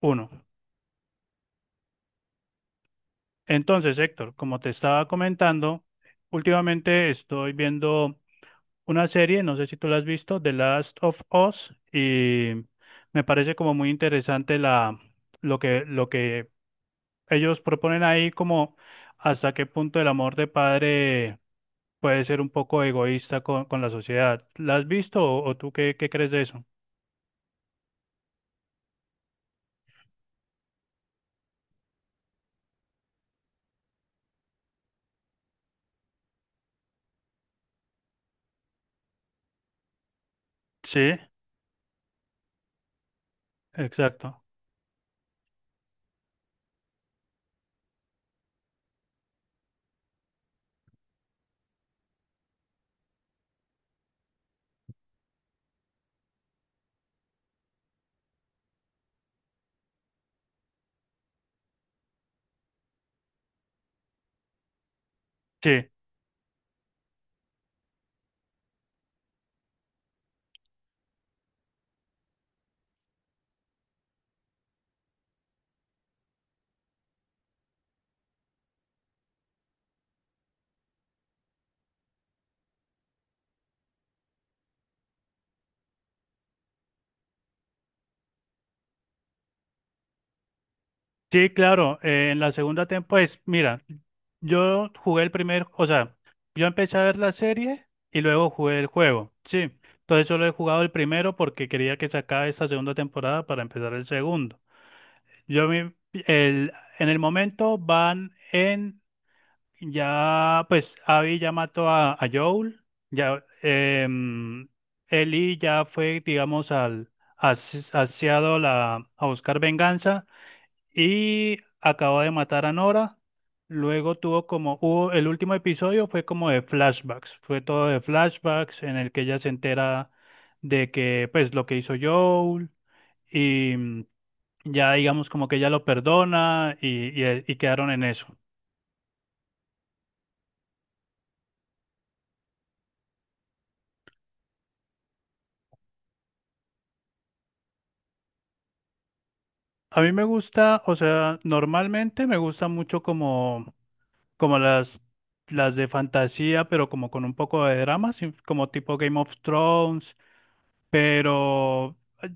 Uno. Entonces, Héctor, como te estaba comentando, últimamente estoy viendo una serie, no sé si tú la has visto, The Last of Us, y me parece como muy interesante lo que ellos proponen ahí, como hasta qué punto el amor de padre puede ser un poco egoísta con la sociedad. ¿La has visto o tú qué crees de eso? Sí, exacto. Sí. Sí, claro, en la segunda temporada, pues mira, yo jugué el primer, o sea, yo empecé a ver la serie y luego jugué el juego, sí. Entonces solo he jugado el primero porque quería que se acabe esta segunda temporada para empezar el segundo. Yo me- el, en el momento van en, ya, pues Abby ya mató a Joel, ya, Ellie ya fue, digamos, hacia a buscar venganza y acabó de matar a Nora. Luego tuvo como, el último episodio fue como de flashbacks, fue todo de flashbacks en el que ella se entera de que, pues, lo que hizo Joel y ya digamos como que ella lo perdona y quedaron en eso. A mí me gusta, o sea, normalmente me gusta mucho como las de fantasía, pero como con un poco de drama, sí, como tipo Game of Thrones. Pero, eh,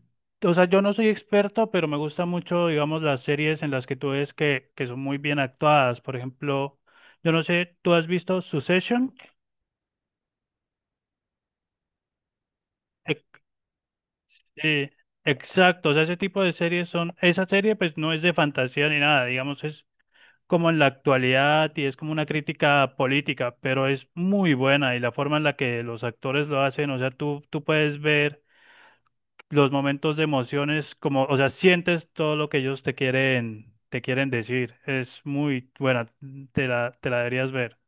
o sea, yo no soy experto, pero me gusta mucho, digamos, las series en las que tú ves que son muy bien actuadas. Por ejemplo, yo no sé, ¿tú has visto Succession? Ex- eh, exacto, o sea, ese tipo de series son, esa serie pues no es de fantasía ni nada, digamos, es como en la actualidad y es como una crítica política, pero es muy buena y la forma en la que los actores lo hacen, o sea, tú puedes ver los momentos de emociones, como, o sea, sientes todo lo que ellos te quieren decir. Es muy buena, te la deberías ver.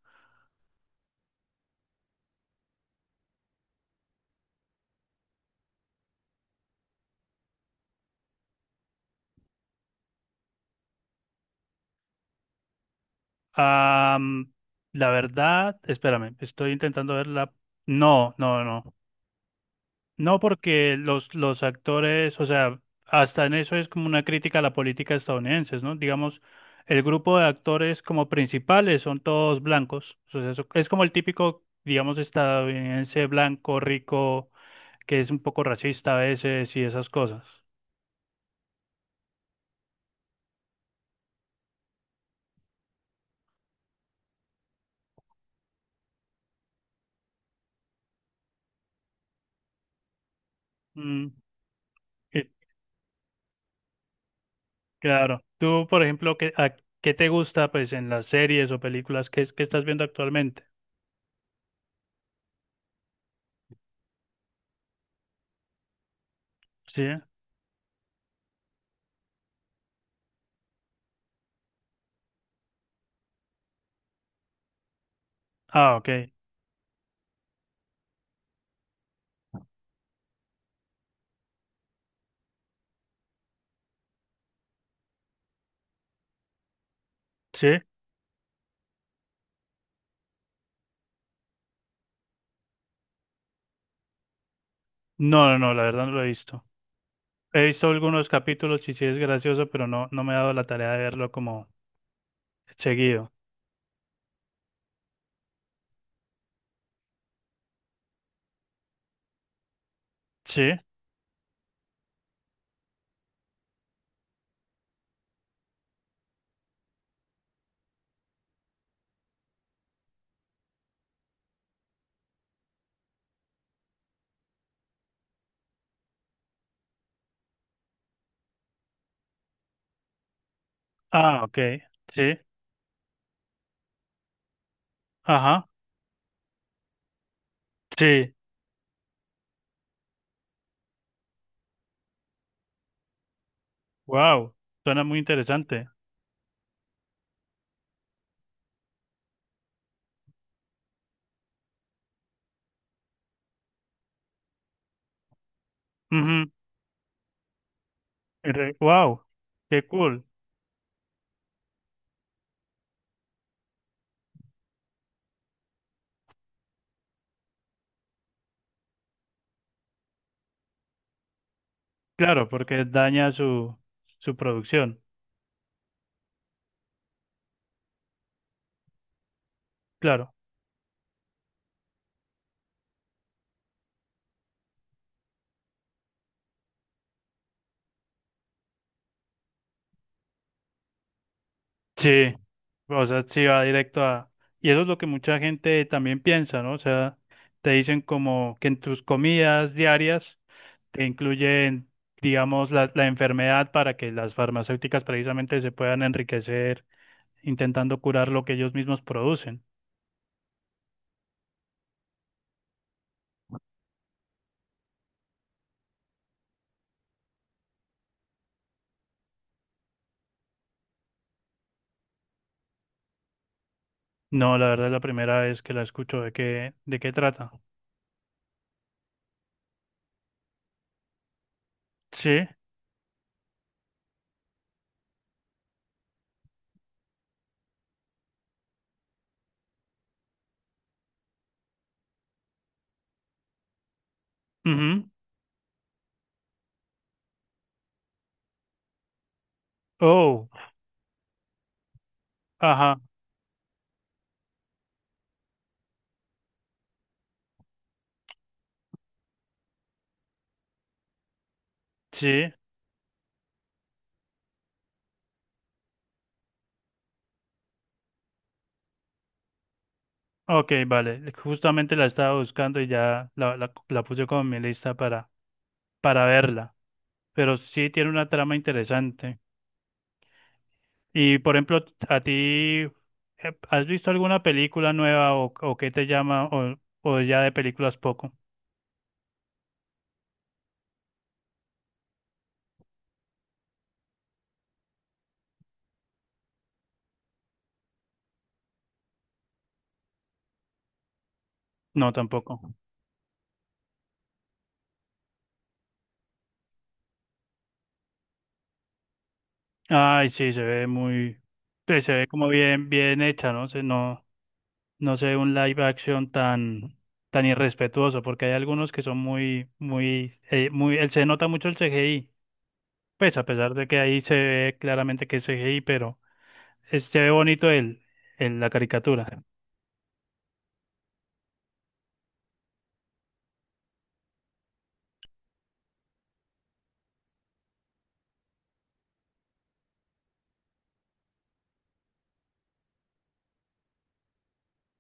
Am, la verdad, espérame, estoy intentando verla. No, no, no. No porque los actores, o sea, hasta en eso es como una crítica a la política estadounidense, ¿no? Digamos, el grupo de actores como principales son todos blancos. O sea, es como el típico, digamos, estadounidense blanco, rico que es un poco racista a veces y esas cosas. Mm, que- claro. Tú, por ejemplo, ¿qué, qué te gusta pues en las series o películas que estás viendo actualmente? ¿Sí? Ah, ok. ¿Sí? No, no, no, la verdad no lo he visto. He visto algunos capítulos y sí es gracioso, pero no, no me he dado la tarea de verlo como seguido. ¿Sí? Ah, ok. Sí. Ajá. Sí. Wow. Suena muy interesante. Wow. Qué cool. Claro, porque daña su producción. Claro, sí, o sea, sí va directo a... Y eso es lo que mucha gente también piensa, ¿no? O sea, te dicen como que en tus comidas diarias te incluyen, digamos, la enfermedad para que las farmacéuticas precisamente se puedan enriquecer intentando curar lo que ellos mismos producen. No, la verdad es la primera vez que la escucho de qué trata. Sí, ujú. Oh, ajá, sí. Ok, vale. Justamente la estaba buscando y ya la puse como en mi lista para verla, pero sí tiene una trama interesante. Y por ejemplo, ¿a ti has visto alguna película nueva o qué te llama o ya de películas poco? No, tampoco. Ay, sí, se ve muy, pues, se ve como bien, bien hecha, ¿no? No, no se ve un live action tan, tan irrespetuoso, porque hay algunos que son muy, muy, muy, él se nota mucho el CGI, pues a pesar de que ahí se ve claramente que es CGI, pero se ve bonito la caricatura.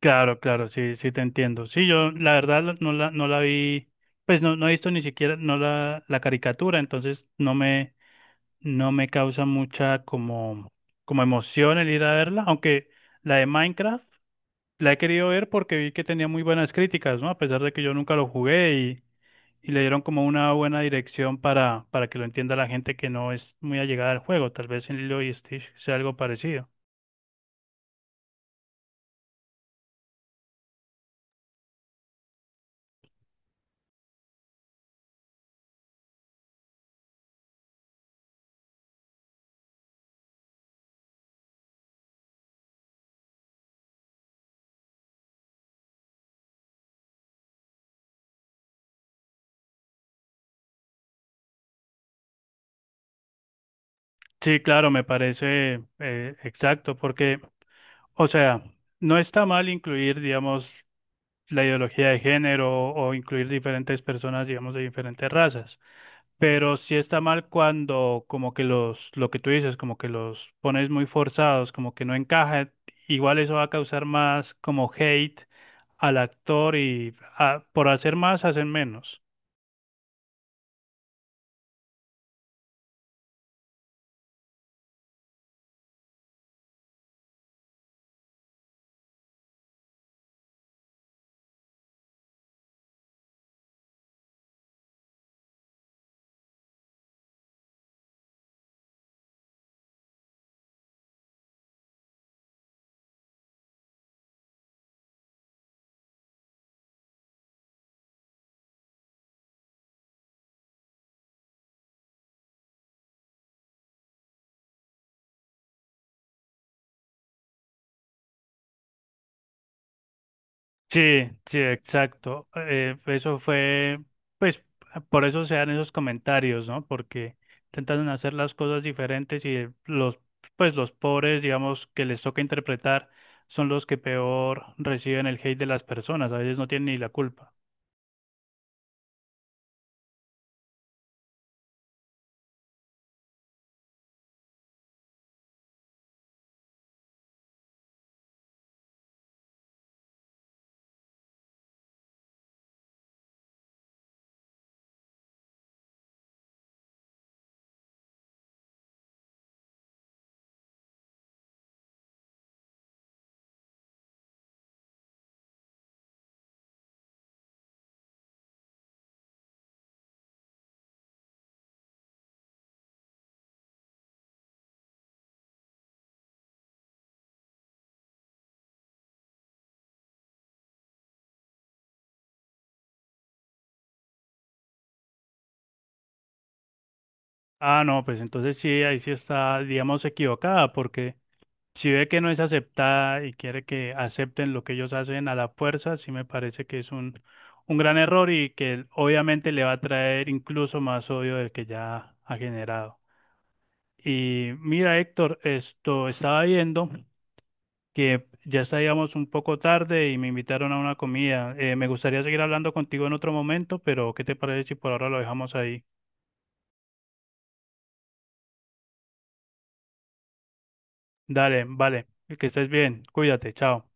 Claro, claro, sí, sí te entiendo. Sí, yo la verdad no no la vi, pues no, no he visto ni siquiera no la caricatura, entonces no no me causa mucha como, como emoción el ir a verla, aunque la de Minecraft la he querido ver porque vi que tenía muy buenas críticas, ¿no? A pesar de que yo nunca lo jugué y le dieron como una buena dirección para que lo entienda la gente que no es muy allegada al juego, tal vez en Lilo y Stitch sea algo parecido. Sí, claro, me parece exacto, porque o sea, no está mal incluir, digamos, la ideología de género o incluir diferentes personas, digamos, de diferentes razas, pero sí está mal cuando como que lo que tú dices, como que los pones muy forzados, como que no encaja, igual eso va a causar más como hate al actor y ah, por hacer más hacen menos. Sí, sí, exacto. Eso fue, pues, por eso se dan esos comentarios, ¿no? Porque intentan hacer las cosas diferentes y los, pues, los pobres, digamos, que les toca interpretar, son los que peor reciben el hate de las personas. A veces no tienen ni la culpa. Ah, no, pues entonces sí, ahí sí está, digamos, equivocada, porque si ve que no es aceptada y quiere que acepten lo que ellos hacen a la fuerza, sí me parece que es un gran error y que obviamente le va a traer incluso más odio del que ya ha generado. Y mira, Héctor, esto estaba viendo que ya estábamos un poco tarde y me invitaron a una comida. Me gustaría seguir hablando contigo en otro momento, pero ¿qué te parece si por ahora lo dejamos ahí? Dale, vale, que estés bien, cuídate, chao.